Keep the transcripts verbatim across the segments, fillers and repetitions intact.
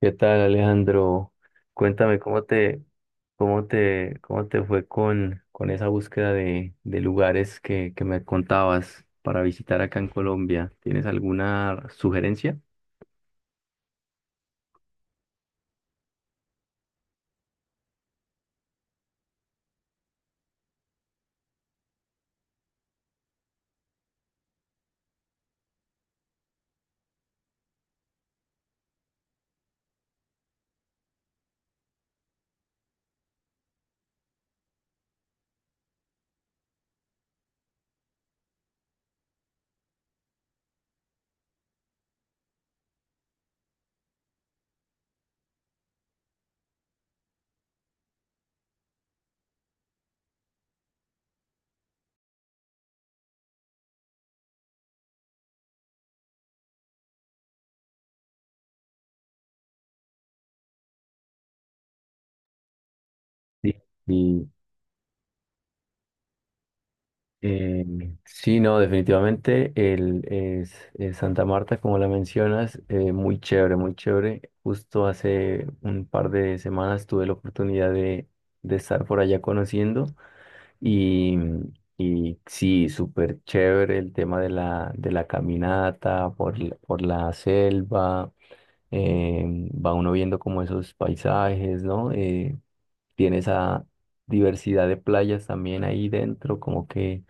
¿Qué tal, Alejandro? Cuéntame cómo te, cómo te, cómo te fue con, con esa búsqueda de, de lugares que, que me contabas para visitar acá en Colombia. ¿Tienes alguna sugerencia? Sí, y, eh, sí, no, definitivamente el, es, es Santa Marta, como la mencionas, eh, muy chévere, muy chévere. Justo hace un par de semanas tuve la oportunidad de, de estar por allá conociendo. Y, y sí, súper chévere el tema de la, de la caminata por, la- por la selva. eh, Va uno viendo como esos paisajes, ¿no? Eh, tiene esa diversidad de playas también ahí dentro, como que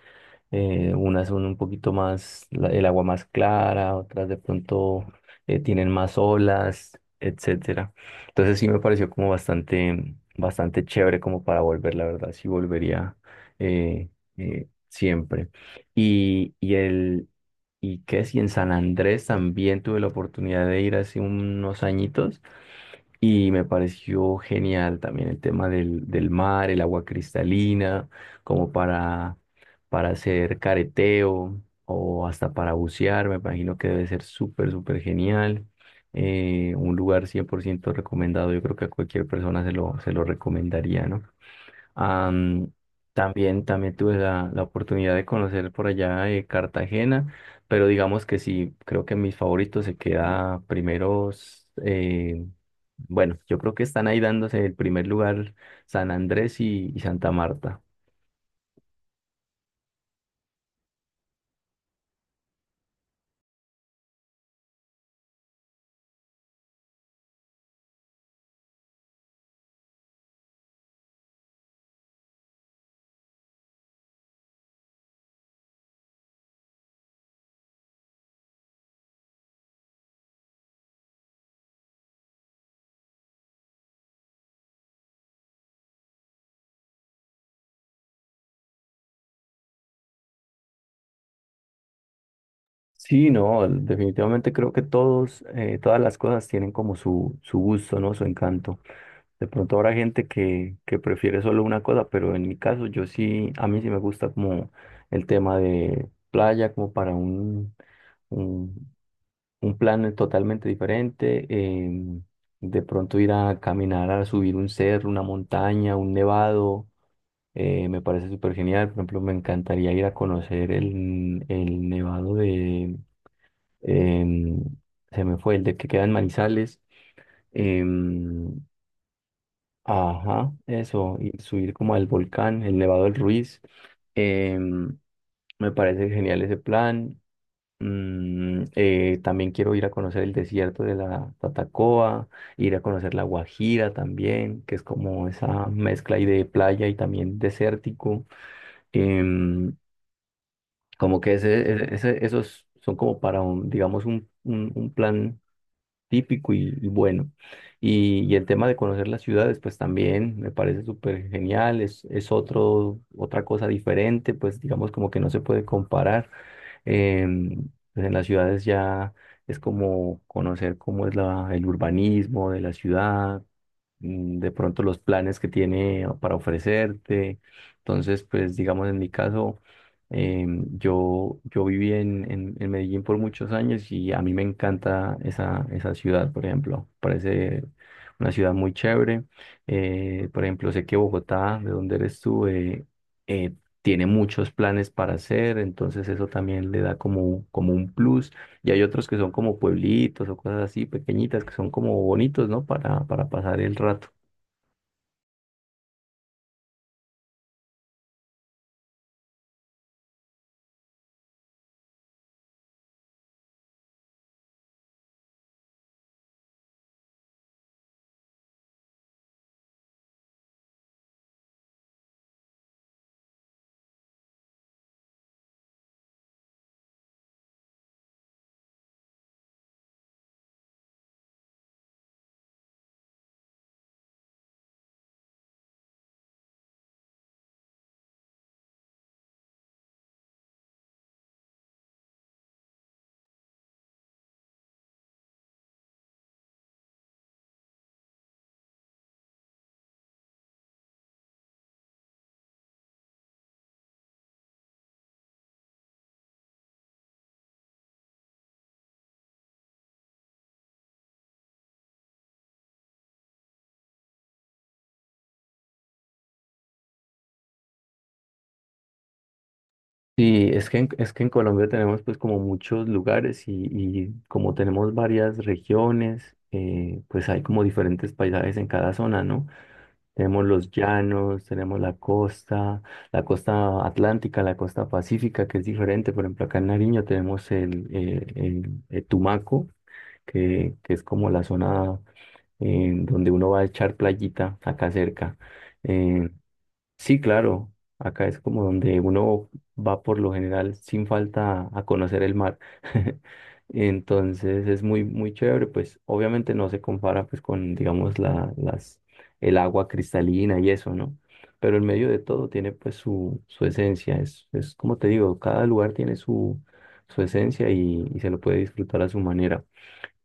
eh, unas son un poquito más, la- el agua más clara, otras de pronto eh, tienen más olas, etcétera. Entonces sí me pareció como bastante, bastante chévere como para volver, la verdad, sí volvería eh, eh, siempre. Y, y el, y qué si en San Andrés también tuve la oportunidad de ir hace unos añitos. Y me pareció genial también el tema del, del mar, el agua cristalina, como para, para hacer careteo o hasta para bucear. Me imagino que debe ser súper, súper genial. Eh, un lugar cien por ciento recomendado. Yo creo que a cualquier persona se lo, se lo recomendaría, ¿no? Am, También, también tuve la, la oportunidad de conocer por allá eh, Cartagena, pero digamos que sí, creo que mis favoritos se queda primeros, eh, bueno, yo creo que están ahí dándose el primer lugar San Andrés y, y Santa Marta. Sí, no, definitivamente creo que todos, eh, todas las cosas tienen como su, su gusto, ¿no? Su encanto. De pronto habrá gente que, que prefiere solo una cosa, pero en mi caso yo sí, a mí sí me gusta como el tema de playa, como para un, un, un plan totalmente diferente. Em, de pronto ir a caminar, a subir un cerro, una montaña, un nevado, eh, me parece súper genial. Por ejemplo, me encantaría ir a conocer el, el nevado de, em, se me fue, el de que queda en Manizales. em, Ajá, eso, y subir como al volcán, el Nevado del Ruiz. Em, Me parece genial ese plan. Mm, eh, también quiero ir a conocer el desierto de la Tatacoa, ir a conocer la Guajira también, que es como esa mezcla ahí de playa y también desértico. Em, Como que ese, ese- ese- esos son como para un, digamos, un, un un plan típico y, y bueno. Y, y el tema de conocer las ciudades, pues también me parece súper genial, es, es otro, otra cosa diferente, pues digamos como que no se puede comparar. Em, pues en las ciudades ya es como conocer cómo es la, el urbanismo de la ciudad, mm, de pronto los planes que tiene para ofrecerte. Entonces, pues digamos en mi caso, em, yo, yo viví en, en, en Medellín por muchos años y a mí me encanta esa, esa ciudad, por ejemplo. Parece una ciudad muy chévere. Eh, por ejemplo, sé que Bogotá, de donde eres tú, eh, eh, tiene muchos planes para hacer, entonces eso también le da como, como un plus. Y hay otros que son como pueblitos o cosas así pequeñitas que son como bonitos, ¿no? Para, para pasar el rato. Sí, es que en, es que en Colombia tenemos pues como muchos lugares y, y como tenemos varias regiones, eh, pues hay como diferentes paisajes en cada zona, ¿no? Tenemos los llanos, tenemos la costa, la costa atlántica, la costa pacífica, que es diferente. Por ejemplo, acá en Nariño tenemos el, eh, el- el Tumaco, que, que es como la zona eh, donde uno va a echar playita acá cerca. Eh, sí, claro, acá es como donde uno va por lo general sin falta a conocer el mar. Entonces es muy, muy chévere, pues obviamente no se compara pues con, digamos, la, las, el agua cristalina y eso, ¿no? Pero en medio de todo tiene pues su, su esencia, es, es como te digo, cada lugar tiene su, su esencia y, y se lo puede disfrutar a su manera.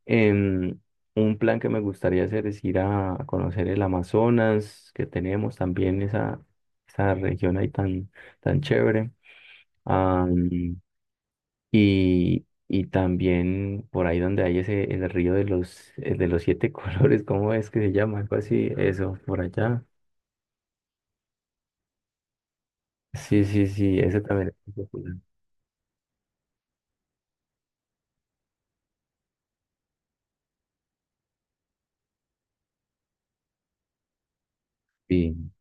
Em, un plan que me gustaría hacer es ir a a conocer el Amazonas, que tenemos también esa, esa región ahí tan, tan chévere. Am, y, y también por ahí donde hay ese, el río de los, eh, de los siete colores, ¿cómo es que se llama? Algo así, eso, por allá. Sí, sí, sí, ese también es muy popular. Sí.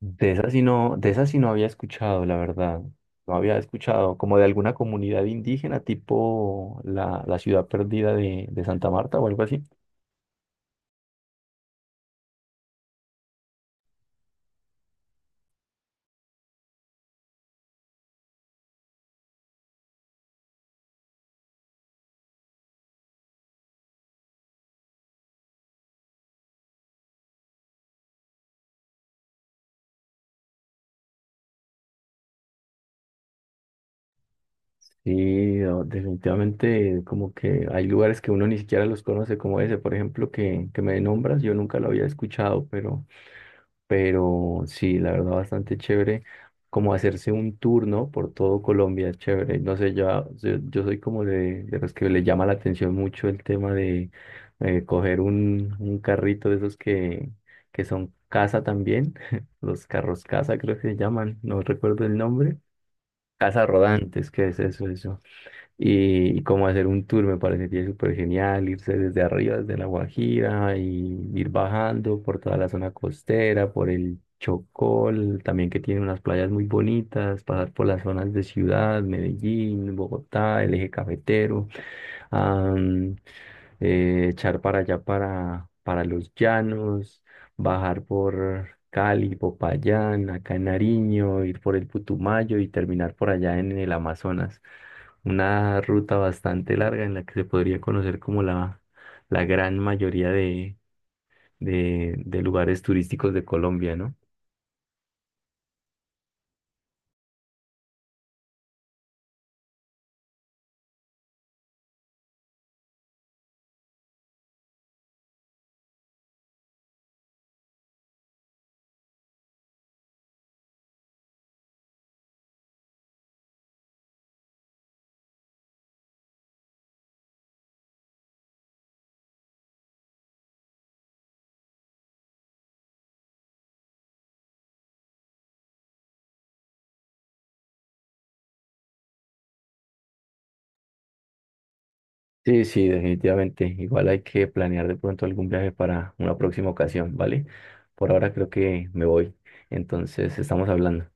De esa sí no, de esa sí no había escuchado, la verdad. No había escuchado como de alguna comunidad indígena, tipo la, la ciudad perdida de, de Santa Marta o algo así. Sí, no, definitivamente como que hay lugares que uno ni siquiera los conoce, como ese, por ejemplo, que, que me nombras, yo nunca lo había escuchado, pero... Pero sí, la verdad, bastante chévere. Como hacerse un turno por todo Colombia, chévere. No sé, yo, ah, yo, yo soy como de, de los que le llama la atención mucho el tema de eh, coger un, un carrito de esos que, que son casa también. Los carros casa, creo que se llaman. No recuerdo el nombre. Casa rodantes, ¿qué es eso, eso? Y, y como hacer un tour me parecería súper genial, irse desde arriba, desde La Guajira y ir bajando por toda la zona costera, por el Chocol, también que tiene unas playas muy bonitas, pasar por las zonas de ciudad, Medellín, Bogotá, el eje cafetero am, eh, echar para allá para, para los llanos, bajar por Cali, Popayán, acá en Nariño, ir por el Putumayo y terminar por allá en el Amazonas. Una ruta bastante larga en la que se podría conocer como la, la gran mayoría de, de, de lugares turísticos de Colombia, ¿no? Sí, sí, definitivamente. Igual hay que planear de pronto algún viaje para una próxima ocasión, ¿vale? Por ahora creo que me voy. Entonces, estamos hablando.